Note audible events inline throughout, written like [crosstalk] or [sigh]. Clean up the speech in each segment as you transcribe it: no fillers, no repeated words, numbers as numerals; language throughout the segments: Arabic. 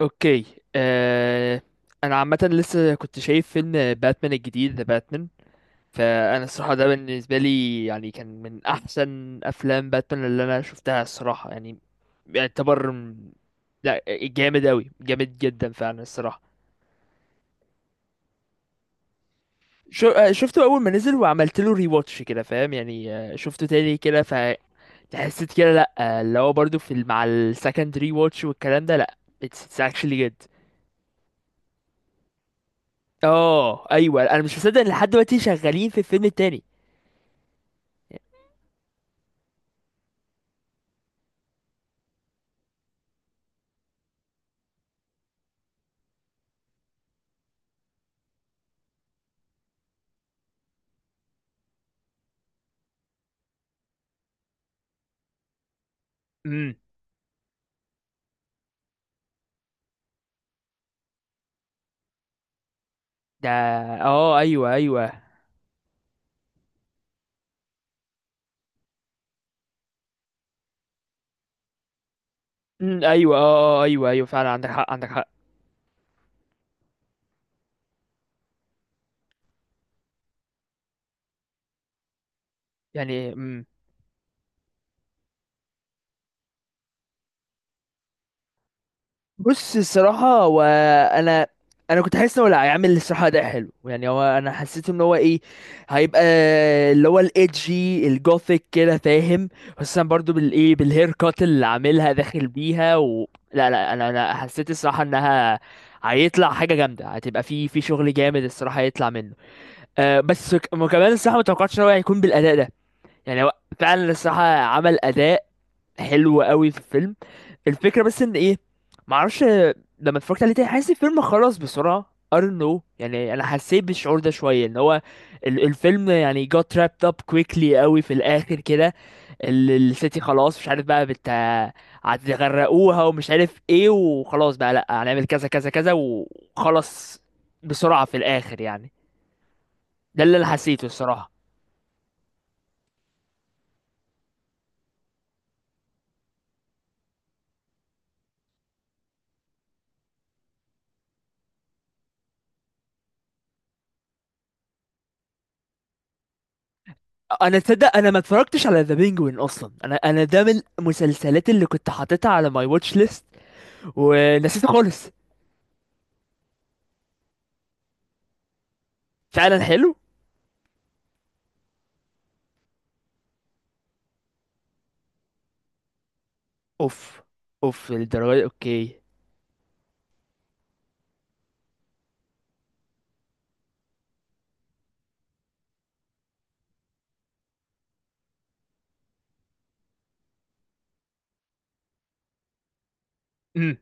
اوكي. آه... انا عامه لسه كنت شايف فيلم باتمان الجديد ذا باتمان. فانا الصراحه ده بالنسبه لي يعني كان من احسن افلام باتمان اللي انا شفتها الصراحه يعني يعتبر لا، جامد اوي، جامد جدا فعلا الصراحه. شو... آه، شفته اول ما نزل وعملت له ري واتش كده، فاهم يعني، شفته تاني كده. فحسيت كده لا، اللي هو برضو في مع السكند ري واتش والكلام ده، لا it's, it's actually good. اه ايوه، انا مش مصدق ان لحد دلوقتي شغالين في الفيلم التاني. امم، ده اه ايوه ايوه. ايوه اه. ايوه ايوه فعلا، عندك حق عندك حق. يعني بص الصراحة هو، أنا كنت حاسس إن هو لا، هيعمل الصراحة ده حلو يعني. هو أنا حسيت إن هو إيه، هيبقى اللي هو الإيدجي الجوثيك كده فاهم. خصوصا برضو بالإيه، بالهير كات اللي عاملها داخل بيها لا لا، أنا حسيت الصراحة إنها هيطلع حاجة جامدة، هتبقى في شغل جامد الصراحة هيطلع منه. أه بس وكمان الصراحة ما توقعتش إن هو هيكون بالأداء ده. يعني هو فعلا الصراحة عمل أداء حلو قوي في الفيلم. الفكره بس ان ايه، معرفش. لما اتفرجت عليه تاني حاسس الفيلم خلص بسرعه، I don't know. يعني انا حسيت بالشعور ده شويه ان هو الفيلم يعني got wrapped up quickly قوي في الاخر كده. السيتي خلاص مش عارف بقى بت، هتغرقوها ومش عارف ايه، وخلاص بقى لا هنعمل كذا كذا كذا وخلص بسرعه في الاخر يعني. ده اللي انا حسيته الصراحه. انا تصدق انا ما اتفرجتش على ذا بينجوين اصلا، انا ده من المسلسلات اللي كنت حاططها على ماي واتش ليست ونسيته خالص. فعلا حلو. اوف، اوف الدرجه دي، اوكي. امم.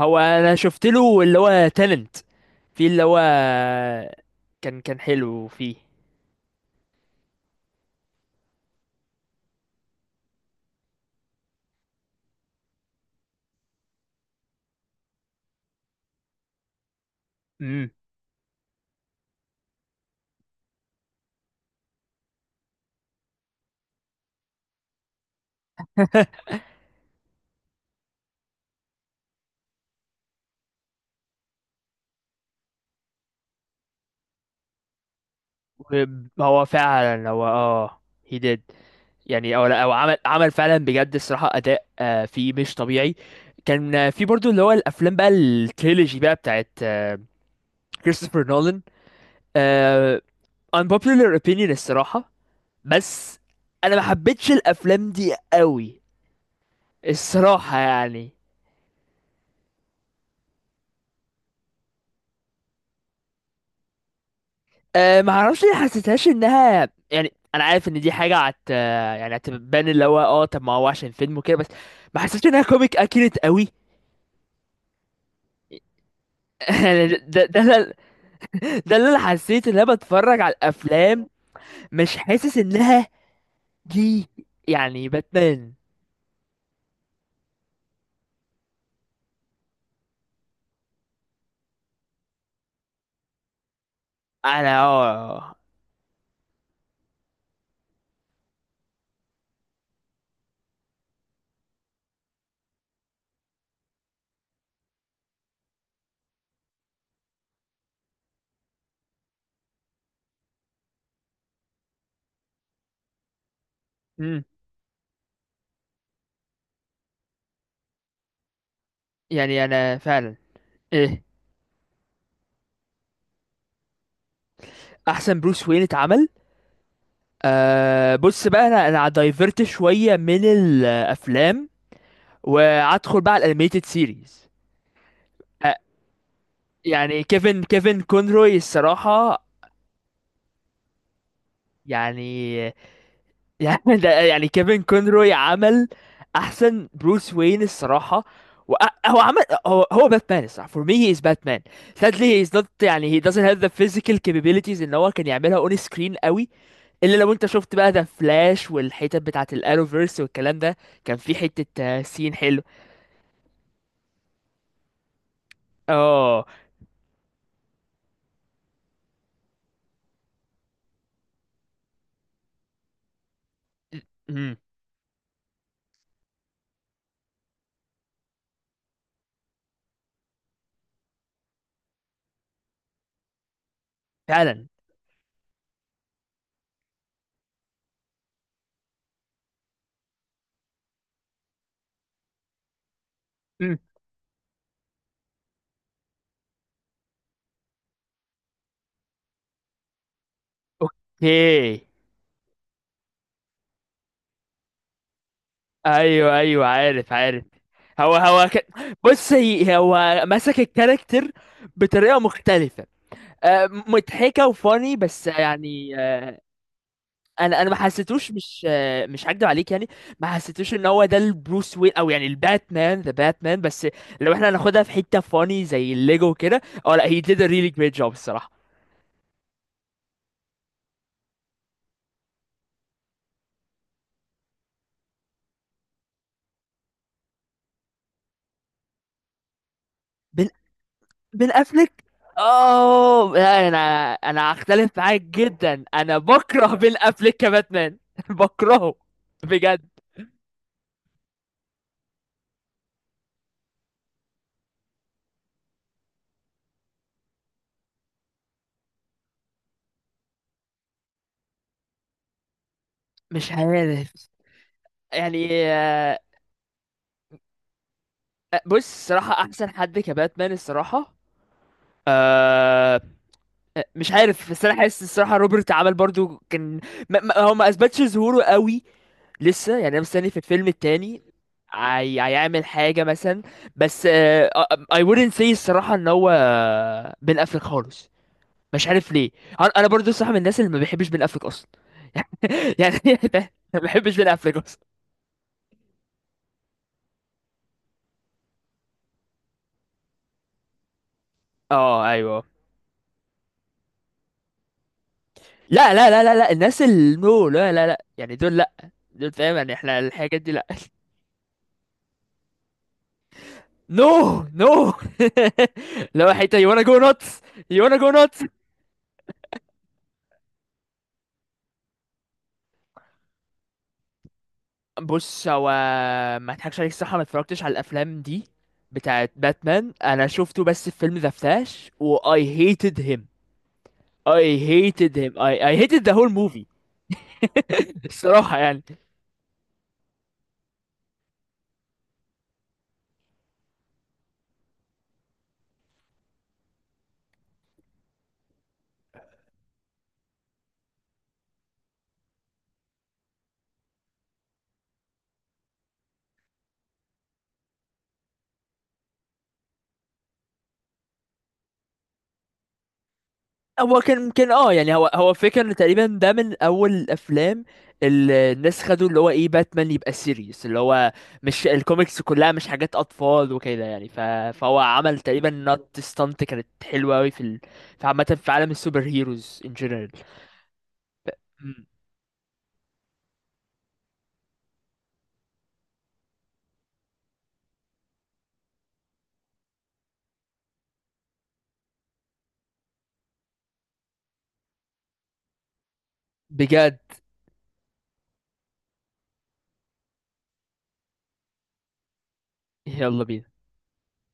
هو انا شفت له اللي هو تالنت، في اللي هو كان كان حلو فيه. امم. هو فعلا هو اه he did. يعني او لا، او عمل عمل فعلا بجد الصراحه اداء فيه مش طبيعي. كان في برضو اللي هو الافلام بقى، التريلوجي بقى بتاعت كريستوفر نولان. آه unpopular opinion الصراحة، بس انا ما حبيتش الافلام دي قوي الصراحة يعني. آه ما اعرفش ليه، حسيتهاش انها يعني، انا عارف ان دي حاجة عت يعني هتبان اللي هو اه، طب ما هو عشان فيلم وكده بس ما حسيتش انها كوميك اكيريت قوي. [laughs] يعني ده اللي انا حسيت ان انا بتفرج على الافلام مش حاسس انها دي. يعني باتمان، انا اه مم. يعني انا فعلا ايه، احسن بروس وين اتعمل. أه بص بقى، انا دايفرت شويه من الافلام وادخل بقى على الانيميتد سيريز. أه يعني كيفن كونروي الصراحه. يعني يعني ده يعني كيفن كونروي عمل احسن بروس وين الصراحه. و- هو عمل، هو باتمان الصراحه، for me he is Batman. sadly he is not يعني he doesn't have the physical capabilities ان هو كان يعملها on screen قوي. الا لو انت شفت بقى ذا فلاش والحتت بتاعه الانوفيرس والكلام ده، كان في حته سين حلو. اه. امم. فعلا. امم. اوكي. ايوه ايوه عارف عارف. هو هو ك... بص، هو مسك الكاركتر بطريقه مختلفه مضحكه وفاني بس يعني. انا ما حسيتوش، مش مش هكدب عليك يعني. ما حسيتوش ان هو ده البروس وين او يعني الباتمان ذا باتمان. بس لو احنا هناخدها في حته فاني زي الليجو كده، اه لا هي did a really great job الصراحه. بن بن افليك، اوه لا، انا هختلف معاك جدا، انا بكره [laughs] بن افليك كباتمان [laughs] بكرهه بجد. مش عارف يعني بص الصراحه احسن حد كباتمان الصراحه آه، مش عارف، بس انا حاسس الصراحه روبرت عمل برضو كان، هو ما اثبتش ظهوره قوي لسه يعني، انا مستني في الفيلم التاني. هيعمل حاجه مثلا، بس I wouldn't say الصراحه ان هو بن افلك خالص. مش عارف ليه، انا برضو صح من الناس اللي ما بيحبش بن افلك اصلا [laughs] يعني [laughs] ما بحبش بن افلك اصلا. اه ايوه. لا لا لا لا لا، الناس اللي نو لا لا لا، يعني دول لا، دول فاهم يعني احنا الحاجات دي لا. نو نو [laughs] لو حته يو وانا جو نوتس، يو وانا جو نوتس. بص هو، ما اضحكش عليك الصراحه ما اتفرجتش على الافلام دي بتاعت باتمان، انا شفته بس في فيلم ذا فلاش و I hated him. I hated him. I hated the whole movie الصراحه يعني. هو كان ممكن اه يعني، هو فكرة ان تقريبا ده من اول الافلام اللي الناس خدوا اللي هو ايه، باتمان يبقى سيريس اللي هو مش الكوميكس كلها مش حاجات اطفال وكده يعني فهو عمل تقريبا نوت ستانت كانت حلوة قوي في في عامة في عالم السوبر هيروز ان جنرال. بجد يلا بينا.